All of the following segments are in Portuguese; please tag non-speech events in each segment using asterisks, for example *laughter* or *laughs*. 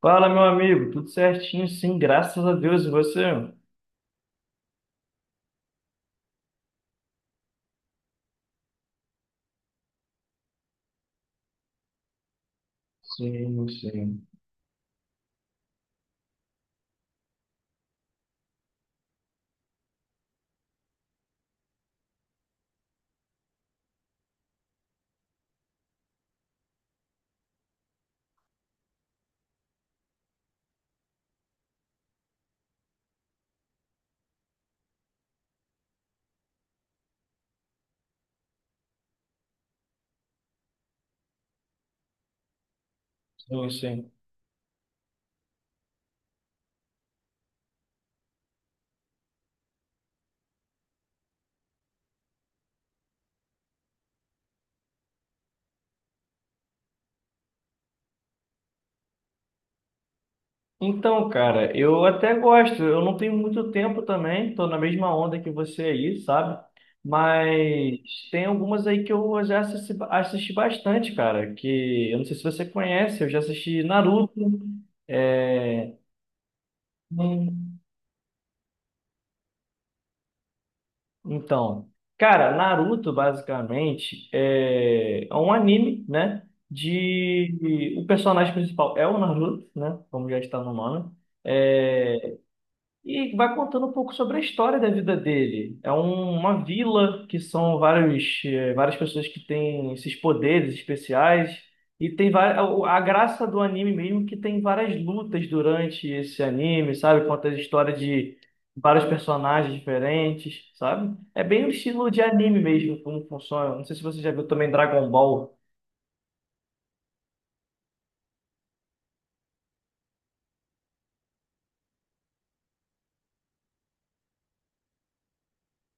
Fala, meu amigo, tudo certinho? Sim, graças a Deus. E você? Sim, sim, sim, sim. Então, cara, eu até gosto. Eu não tenho muito tempo também, tô na mesma onda que você aí, sabe? Mas tem algumas aí que eu já assisti, assisti bastante, cara. Que eu não sei se você conhece, eu já assisti Naruto. É... Então, cara, Naruto basicamente é um anime, né? De o personagem principal é o Naruto, né? Como já está no nome. E vai contando um pouco sobre a história da vida dele. Uma vila que são várias pessoas que têm esses poderes especiais. E tem a graça do anime mesmo que tem várias lutas durante esse anime, sabe? Conta a história de vários personagens diferentes, sabe? É bem o estilo de anime mesmo, como funciona. Não sei se você já viu também Dragon Ball.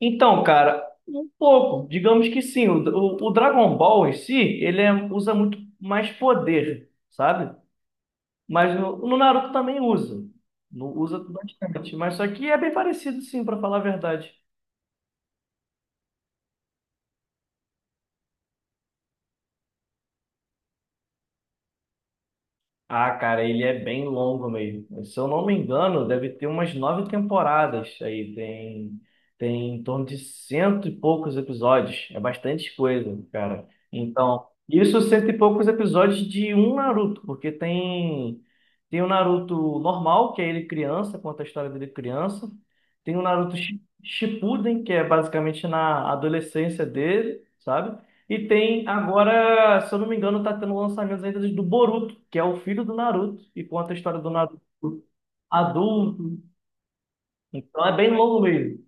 Então, cara, um pouco. Digamos que sim. O Dragon Ball em si, ele usa muito mais poder, sabe? Mas no Naruto também usa. Usa bastante. Mas só que é bem parecido, sim, pra falar a verdade. Ah, cara, ele é bem longo mesmo. Se eu não me engano, deve ter umas nove temporadas. Aí tem em torno de cento e poucos episódios. É bastante coisa, cara. Então, isso cento e poucos episódios de um Naruto, porque tem o Naruto normal, que é ele criança, conta a história dele criança. Tem o Naruto Shippuden, que é basicamente na adolescência dele, sabe? E tem agora, se eu não me engano, tá tendo lançamentos ainda do Boruto, que é o filho do Naruto, e conta a história do Naruto adulto. Então é bem longo mesmo.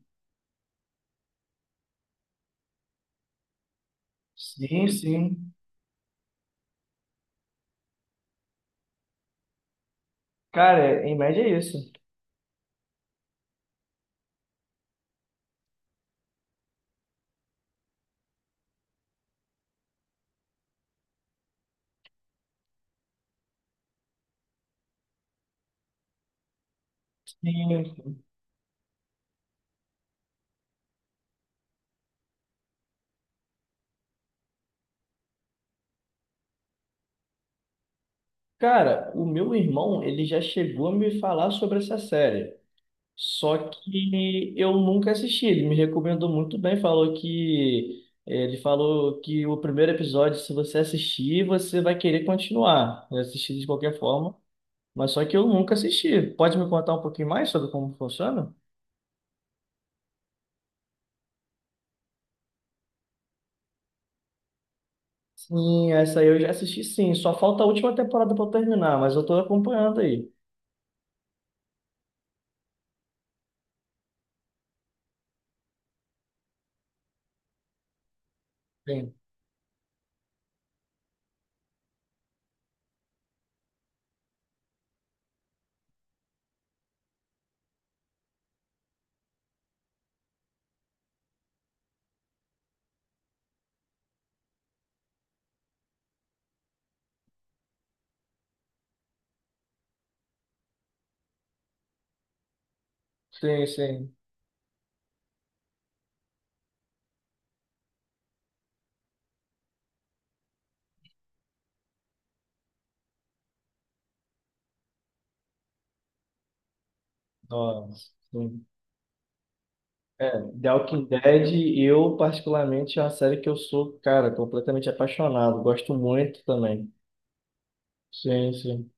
Sim, sim. Cara, em média é isso. Sim. Cara, o meu irmão, ele já chegou a me falar sobre essa série. Só que eu nunca assisti. Ele me recomendou muito bem, falou que ele falou que o primeiro episódio, se você assistir, você vai querer continuar, assistir de qualquer forma. Mas só que eu nunca assisti. Pode me contar um pouquinho mais sobre como funciona? Sim, essa aí eu já assisti, sim. Só falta a última temporada para terminar, mas eu tô acompanhando aí. Sim, sim, sim. Nossa, sim. É, The Walking Dead, eu particularmente é uma série que eu sou, cara, completamente apaixonado. Gosto muito também. Sim, sim.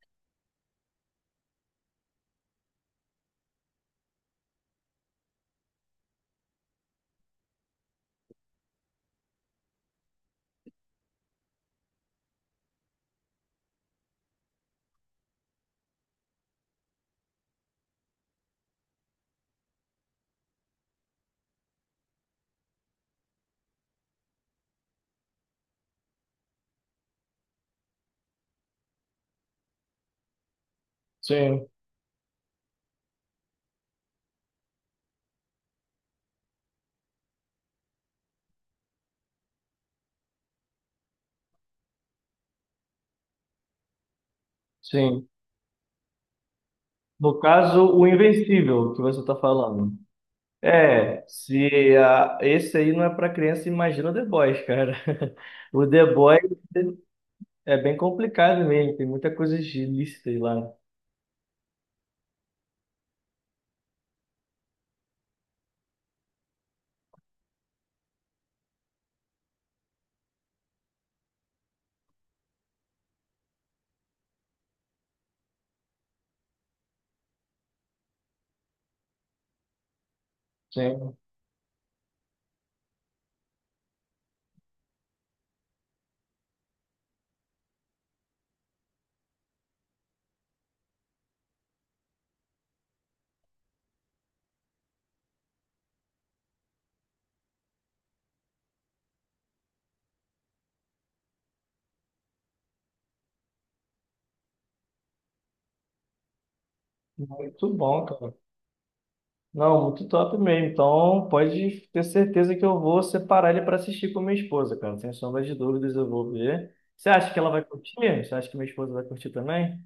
Sim, sim. No caso, o Invencível que você tá falando. É, se a, esse aí não é para criança, imagina o The Boys, cara. *laughs* O The Boys é bem complicado mesmo, tem muita coisa ilícita aí lá. Sim, muito bom, cara. Não, muito top mesmo. Então, pode ter certeza que eu vou separar ele para assistir com minha esposa, cara. Sem sombra de dúvidas, eu vou ver. Você acha que ela vai curtir? Você acha que minha esposa vai curtir também?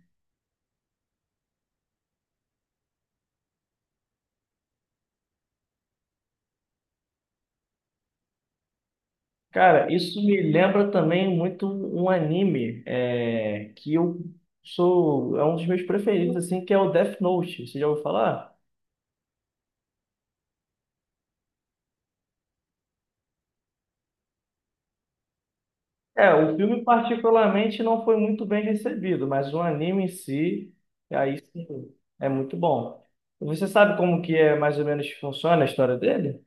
Cara, isso me lembra também muito um anime é um dos meus preferidos, assim, que é o Death Note. Você já ouviu falar? É, o filme particularmente não foi muito bem recebido, mas o anime em si, aí sim, é muito bom. Você sabe como que é mais ou menos que funciona a história dele?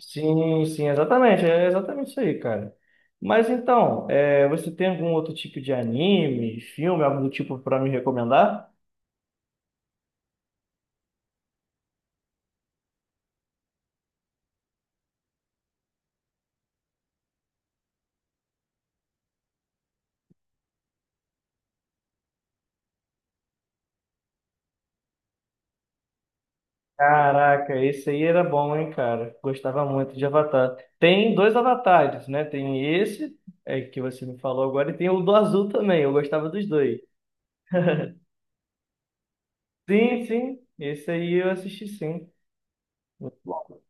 Sim, sim, exatamente, é exatamente isso aí, cara. Mas então, é, você tem algum outro tipo de anime, filme, algum tipo para me recomendar? Caraca, esse aí era bom, hein, cara? Gostava muito de Avatar. Tem dois avatares, né? Tem esse que você me falou agora e tem o do azul também. Eu gostava dos dois. Sim, sim. Esse aí eu assisti sim. Muito bom.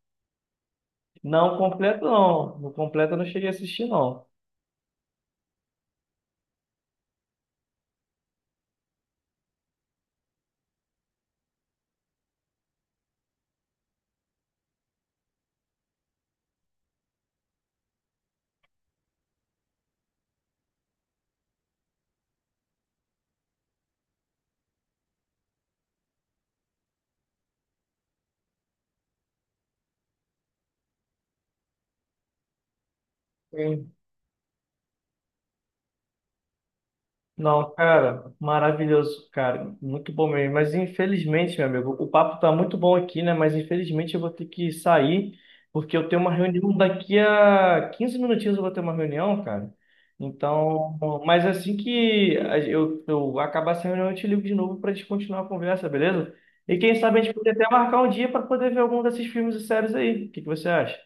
Não completo, não. No completo eu não cheguei a assistir, não. Não, cara, maravilhoso, cara, muito bom mesmo. Mas infelizmente, meu amigo, o papo tá muito bom aqui, né? Mas infelizmente eu vou ter que sair, porque eu tenho uma reunião daqui a 15 minutinhos eu vou ter uma reunião, cara. Então, mas assim que eu acabar essa reunião, eu te ligo de novo pra gente continuar a conversa, beleza? E quem sabe a gente pode até marcar um dia para poder ver algum desses filmes e séries aí. O que que você acha?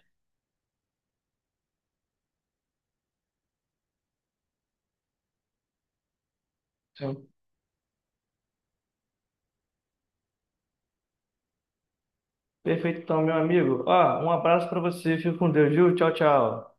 Sim. Perfeito, então, meu amigo. Ó, um abraço para você, fica com Deus, viu? Tchau, tchau.